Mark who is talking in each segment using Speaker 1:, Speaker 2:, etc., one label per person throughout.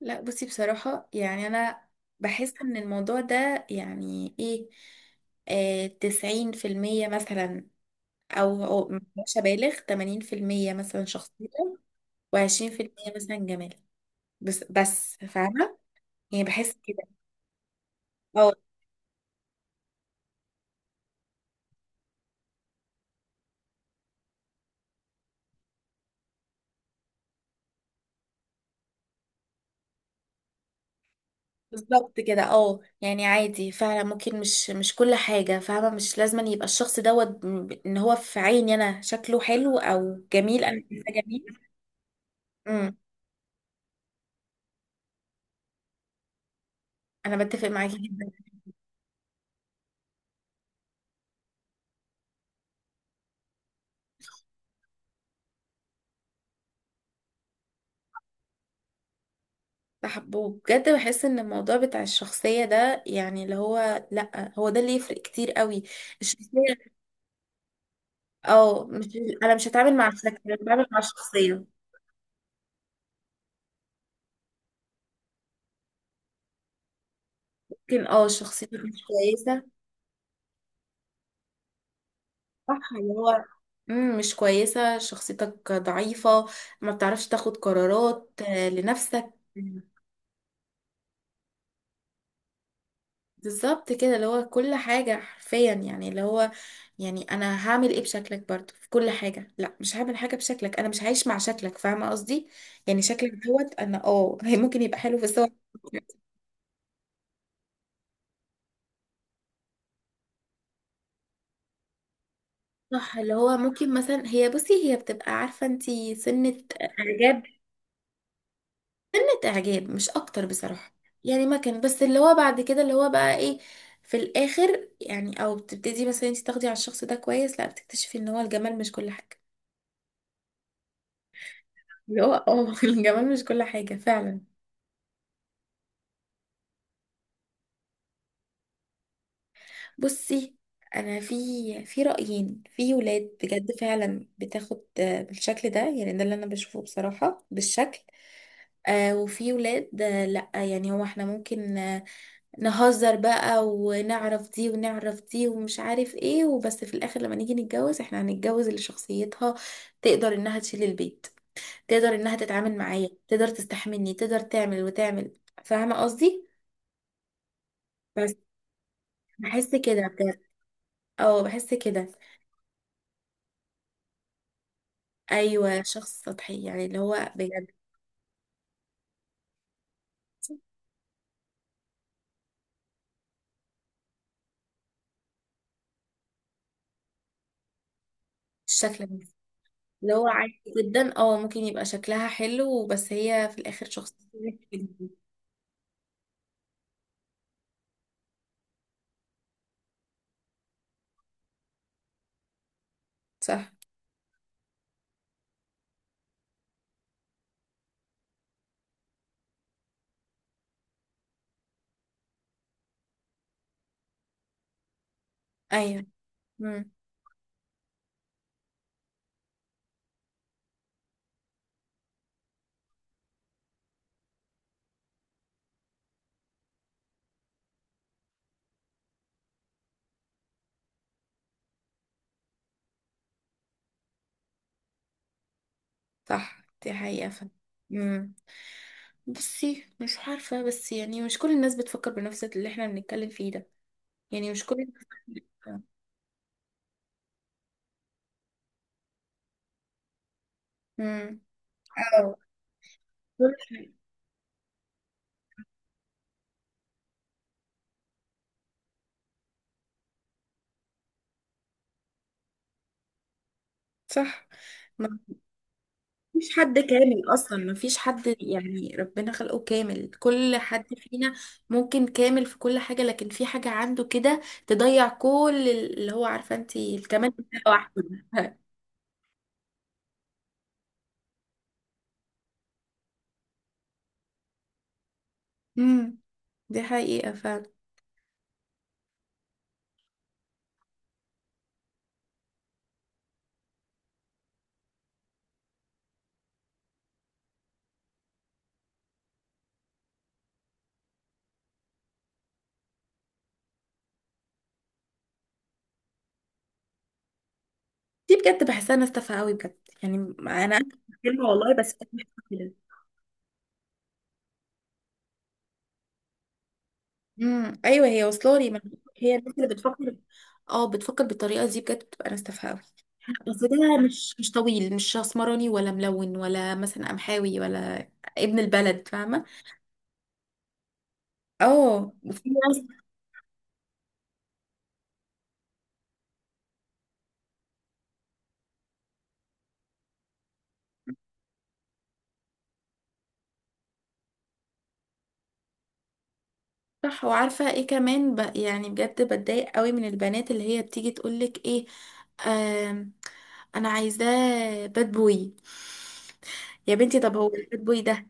Speaker 1: لا، بصي، بصراحة يعني أنا بحس إن الموضوع ده يعني إيه، 90% مثلا، أو مش أبالغ 80% مثلا شخصية، وعشرين في المية مثلا جمال. بس بس فاهمة، يعني بحس كده. اه بالظبط كده. اه يعني عادي فعلا، ممكن مش كل حاجة فاهمة، مش لازم أن يبقى الشخص دوت إن هو في عيني أنا شايفاه جميل، انا شكله حلو أو جميل أنا شايفاه جميل. امم. أنا بتفق معاكي جدا. بحبه بجد، بحس ان الموضوع بتاع الشخصية ده يعني اللي هو، لأ، هو ده اللي يفرق كتير قوي. الشخصية. اه مش، انا مش هتعامل مع الشكل، انا بتعامل مع الشخصية. ممكن، شخصيتك مش كويسة. صح، اللي هو مش كويسة، شخصيتك ضعيفة، ما بتعرفش تاخد قرارات، لنفسك. بالظبط كده، اللي هو كل حاجة حرفيا يعني اللي هو، يعني انا هعمل ايه بشكلك؟ برضو في كل حاجه، لا مش هعمل حاجه بشكلك، انا مش هعيش مع شكلك، فاهمه قصدي. يعني شكلك دوت، انا هي ممكن يبقى حلو في الصور. صح، اللي هو ممكن مثلا هي، بصي هي بتبقى عارفه انتي سنه اعجاب، سنه اعجاب مش اكتر بصراحه. يعني ما كان بس اللي هو بعد كده اللي هو بقى ايه، في الاخر يعني، او بتبتدي مثلا انتي تاخدي على الشخص ده كويس، لا بتكتشفي ان هو الجمال مش كل حاجه. اللي هو اه الجمال مش كل حاجه فعلا. بصي، انا في رايين، في ولاد بجد فعلا بتاخد بالشكل ده، يعني ده اللي انا بشوفه بصراحه بالشكل. وفي ولاد لا، يعني هو احنا ممكن نهزر بقى ونعرف دي ونعرف دي ومش عارف ايه، وبس في الاخر لما نيجي نتجوز احنا هنتجوز اللي شخصيتها تقدر انها تشيل البيت، تقدر انها تتعامل معايا، تقدر تستحملني، تقدر تعمل وتعمل. فاهمه قصدي؟ بس بحس كده بجد. اه بحس كده. ايوه، شخص سطحي يعني، اللي هو بجد الشكل بس. اللي هو عادي جدا، ممكن يبقى شكلها حلو بس هي في الاخر شخص. صح. ايوه. امم. صح، دي حقيقة فعلا. امم. بصي مش عارفة بس، يعني مش كل الناس بتفكر بنفس اللي احنا بنتكلم فيه ده، يعني مش كل الناس. امم. اه. صح، مفيش حد كامل اصلا، مفيش حد يعني ربنا خلقه كامل، كل حد فينا ممكن كامل في كل حاجة لكن في حاجة عنده كده تضيع كل اللي هو، عارفة انت الكمال بتاعه واحد. امم. دي حقيقة فعلا. دي بجد بحسها ناس تافهة قوي بجد يعني، انا أسف على الكلمة والله بس بحسها كده. امم، ايوه هي واصله لي، ما أنا بقولك هي الناس اللي بتفكر، اه بتفكر بالطريقه دي بجد بتبقى ناس تافهه قوي. بس ده مش طويل، مش اسمراني، ولا ملون، ولا مثلا قمحاوي، ولا ابن البلد، فاهمه؟ اه وفي ناس. صح، وعارفه ايه كمان يعني بجد بتضايق قوي من البنات اللي هي بتيجي تقولك ايه، آم... انا عايزاه باد بوي. يا بنتي، طب هو الباد بوي ده،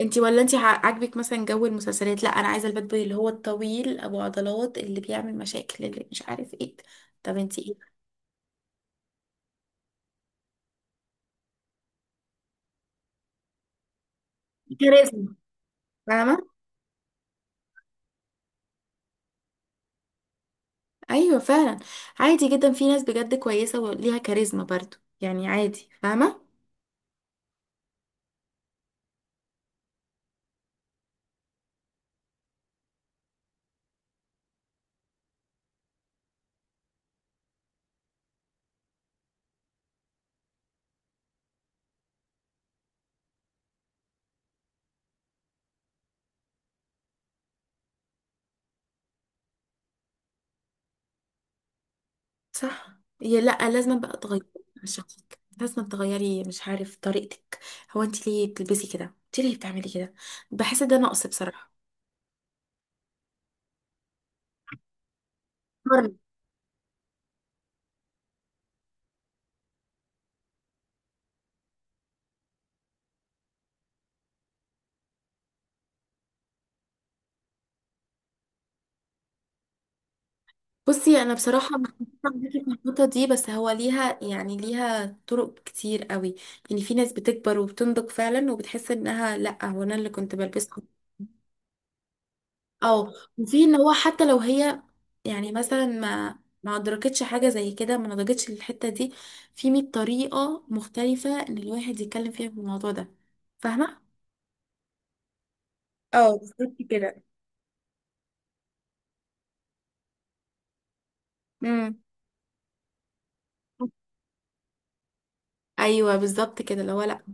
Speaker 1: انتي، ولا انتي عاجبك مثلا جو المسلسلات؟ لا، انا عايزه الباد بوي اللي هو الطويل ابو عضلات اللي بيعمل مشاكل اللي مش عارف ايه. طب انتي ايه؟ كاريزما، فاهمه؟ ايوه فعلا. عادي جدا، في ناس بجد كويسه وليها كاريزما برضو، يعني عادي، فاهمه. صح، هي لا، لازم بقى تغيري من شخصك، لازم تغيري مش عارف طريقتك، هو انتي ليه بتلبسي كده؟ انتي ليه بتعملي كده؟ بحس ده نقص بصراحه. بصي، انا بصراحه مختلفه معاكي في النقطه دي، بس هو ليها يعني ليها طرق كتير قوي. يعني في ناس بتكبر وبتنضج فعلا وبتحس انها لا، هو انا اللي كنت بلبسه. اه، وفي ان هو حتى لو هي، يعني مثلا ما ادركتش حاجه زي كده، ما نضجتش للحته دي، في 100 طريقه مختلفه ان الواحد يتكلم فيها في الموضوع ده، فاهمه؟ اه بالظبط كده. امم. ايوه بالظبط كده، اللي هو لا.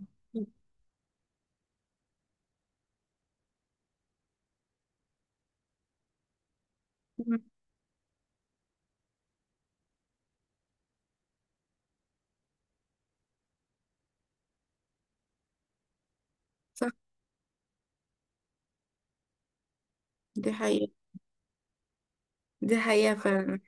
Speaker 1: مم. صح، دي حقيقة. دي حقيقة فعلا.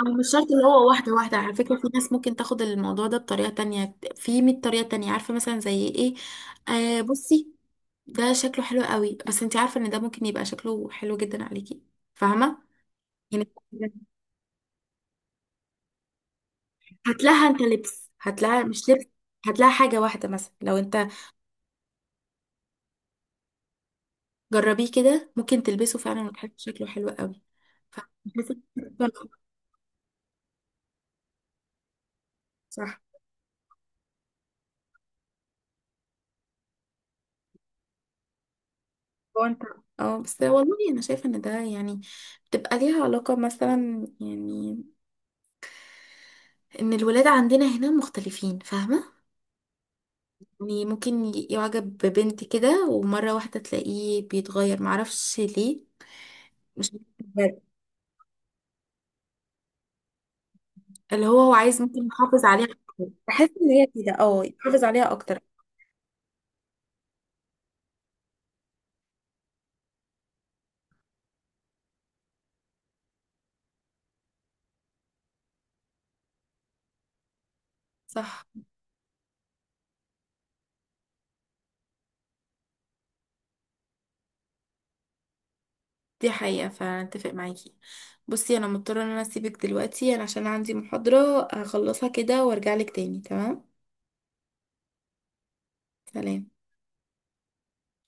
Speaker 1: أو مش شرط، اللي هو واحدة واحدة، على فكرة في ناس ممكن تاخد الموضوع ده بطريقة تانية، في 100 طريقة تانية عارفة مثلا زي ايه؟ آه بصي، ده شكله حلو قوي بس انت عارفة ان ده ممكن يبقى شكله حلو جدا عليكي، فاهمة؟ يعني، هات لها انت لبس، هات لها مش لبس، هات لها حاجة واحدة مثلا لو انت جربيه كده ممكن تلبسه فعلا وتحس شكله حلو قوي. ف- صح. هو انت، اه بس والله انا شايفه ان ده يعني بتبقى ليها علاقه مثلا يعني، ان الولاد عندنا هنا مختلفين، فاهمه؟ يعني ممكن يعجب ببنت كده ومره واحده تلاقيه بيتغير معرفش ليه. مش عارفة. اللي هو هو عايز ممكن يحافظ عليها أكتر. بحس ان هي كده، يحافظ عليها اكتر. صح، دي حقيقه، فاتفق معاكي. بصي، انا مضطره ان انا اسيبك دلوقتي، انا عشان عندي محاضره هخلصها كده وارجع لك تاني، تمام؟ سلام.